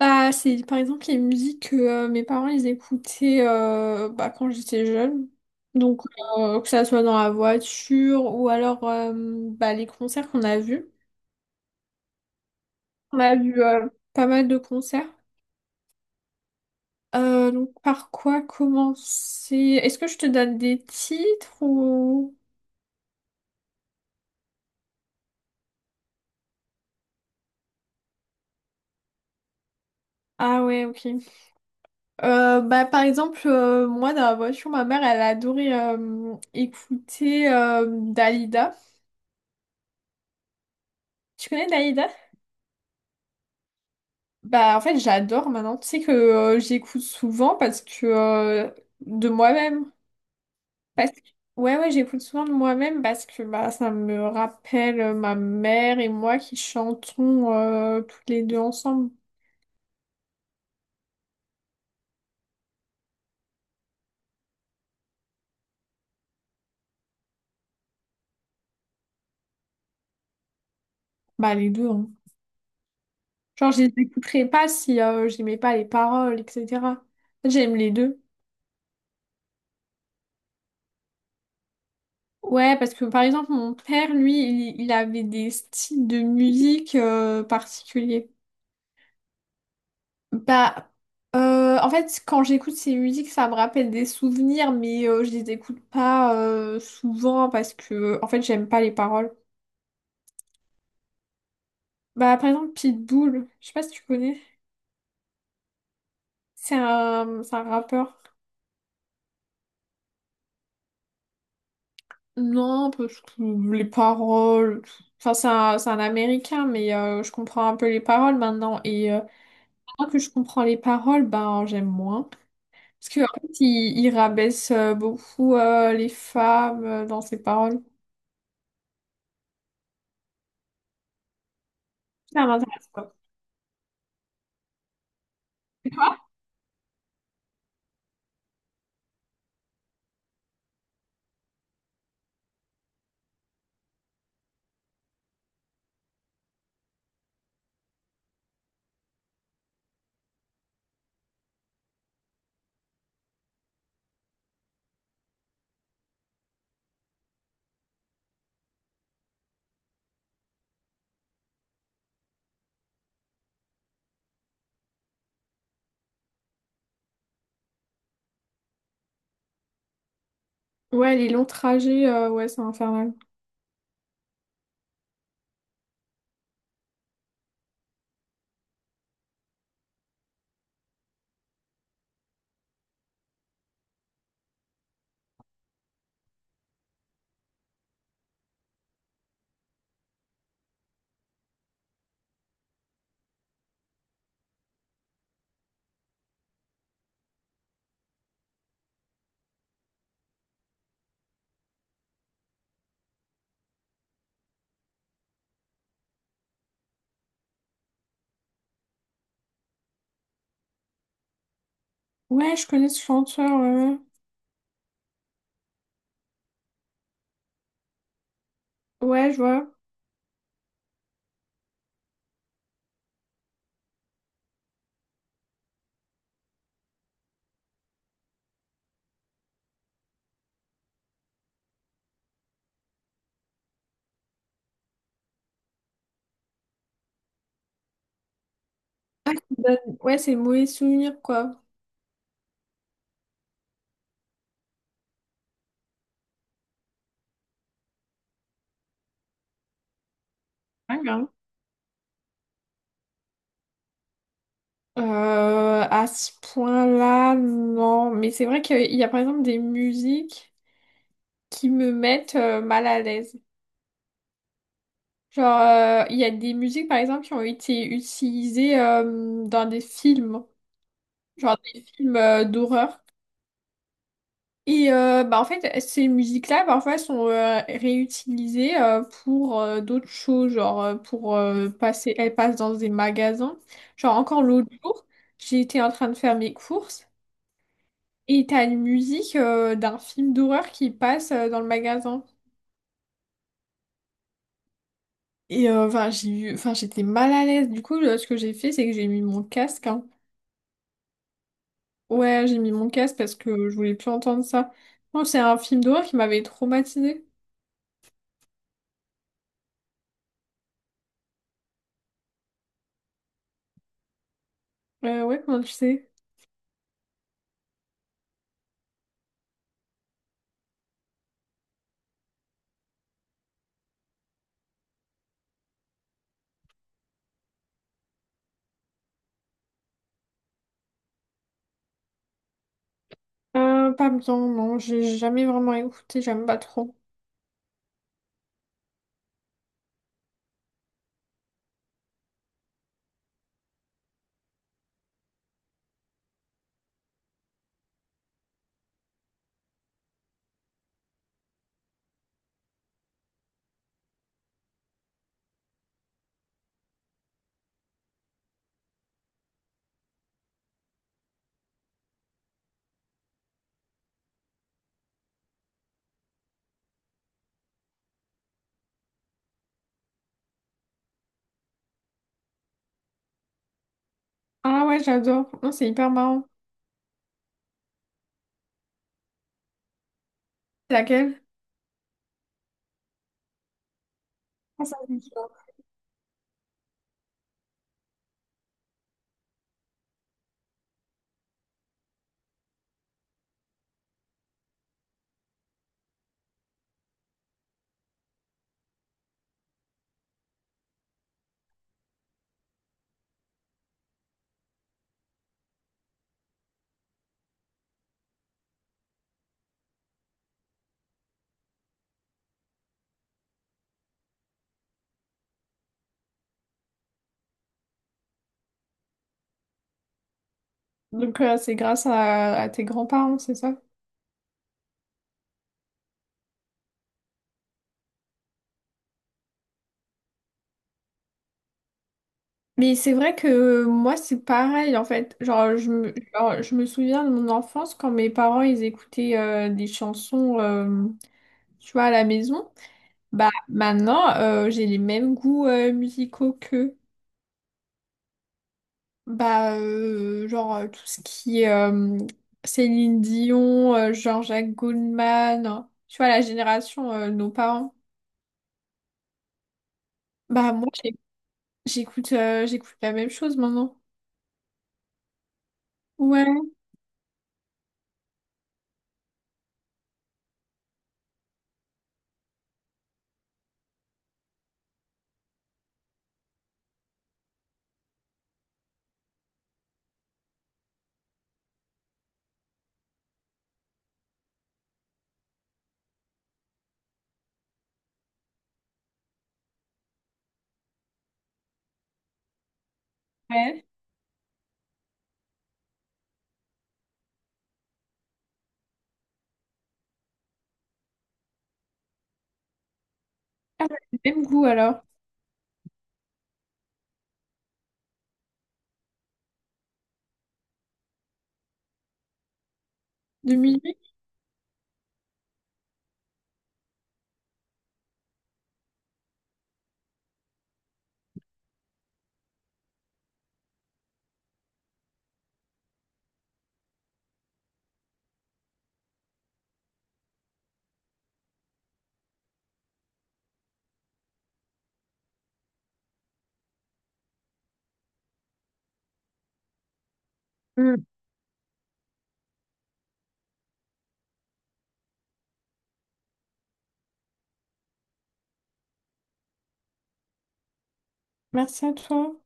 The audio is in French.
Bah, c'est par exemple les musiques que mes parents ils écoutaient, bah, quand j'étais jeune. Donc que ça soit dans la voiture ou alors, bah, les concerts qu'on a vus. On a vu, pas mal de concerts. Donc par quoi commencer? Est-ce que je te donne des titres ou... Ah ouais, ok. Bah, par exemple, moi dans la voiture, ma mère elle adorait, écouter Dalida. Tu connais Dalida? Bah en fait j'adore maintenant, tu sais que j'écoute souvent parce que, de moi-même. Parce que... Ouais, ouais, j'écoute souvent de moi-même parce que bah ça me rappelle, ma mère et moi qui chantons, toutes les deux ensemble. Bah les deux hein. Genre je les écouterais pas si j'aimais pas les paroles, etc. En J'aime les deux. Ouais, parce que par exemple, mon père, lui, il avait des styles de musique particuliers. Bah, en fait, quand j'écoute ces musiques, ça me rappelle des souvenirs, mais je les écoute pas souvent parce que, en fait, j'aime pas les paroles. Bah, par exemple, Pitbull, je sais pas si tu connais. C'est un rappeur. Non, parce que les paroles. Enfin, c'est un Américain, mais je comprends un peu les paroles maintenant. Et maintenant que je comprends les paroles, ben, j'aime moins. Parce que, en fait, il rabaisse, beaucoup, les femmes, dans ses paroles. Ça m'intéresse pas. Ouais, les longs trajets, ouais, c'est infernal. Ouais, je connais ce chanteur, ouais. Ouais, ouais, je vois. Bah, ouais, c'est mauvais souvenir, quoi. Ouais, grave. Euh, à ce point-là, non. Mais c'est vrai qu'il y a par exemple des musiques qui me mettent, mal à l'aise. Genre, il y a des musiques, par exemple, qui ont été utilisées, dans des films. Genre des films, d'horreur. Et bah en fait, ces musiques-là, parfois, sont, réutilisées, pour, d'autres choses, genre, pour passer, elles passent dans des magasins. Genre encore l'autre jour, j'étais en train de faire mes courses et t'as une musique, d'un film d'horreur qui passe, dans le magasin. Et enfin, j'ai eu, enfin, j'étais mal à l'aise. Du coup, là, ce que j'ai fait, c'est que j'ai mis mon casque. Hein. Ouais, j'ai mis mon casque parce que je voulais plus entendre ça. Non, c'est un film d'horreur qui m'avait traumatisée. Ouais, comment tu sais? Pas bien, non, j'ai jamais vraiment écouté, j'aime pas trop. Ah ouais, j'adore. Non, c'est hyper marrant. C'est laquelle? Ah, ça, c'est sûr. Donc c'est grâce à tes grands-parents, c'est ça? Mais c'est vrai que moi c'est pareil en fait. Genre je me souviens de mon enfance quand mes parents ils écoutaient, des chansons, tu vois à la maison. Bah maintenant, j'ai les mêmes goûts musicaux qu'eux. Bah, genre, tout ce qui est, Céline Dion, Jean-Jacques Goldman, tu vois, la génération, de nos parents. Bah, moi, j'écoute, j'écoute la même chose maintenant. Ouais, ouais. Ah, ouais, même goût alors. De musique. Mm. Merci à toi.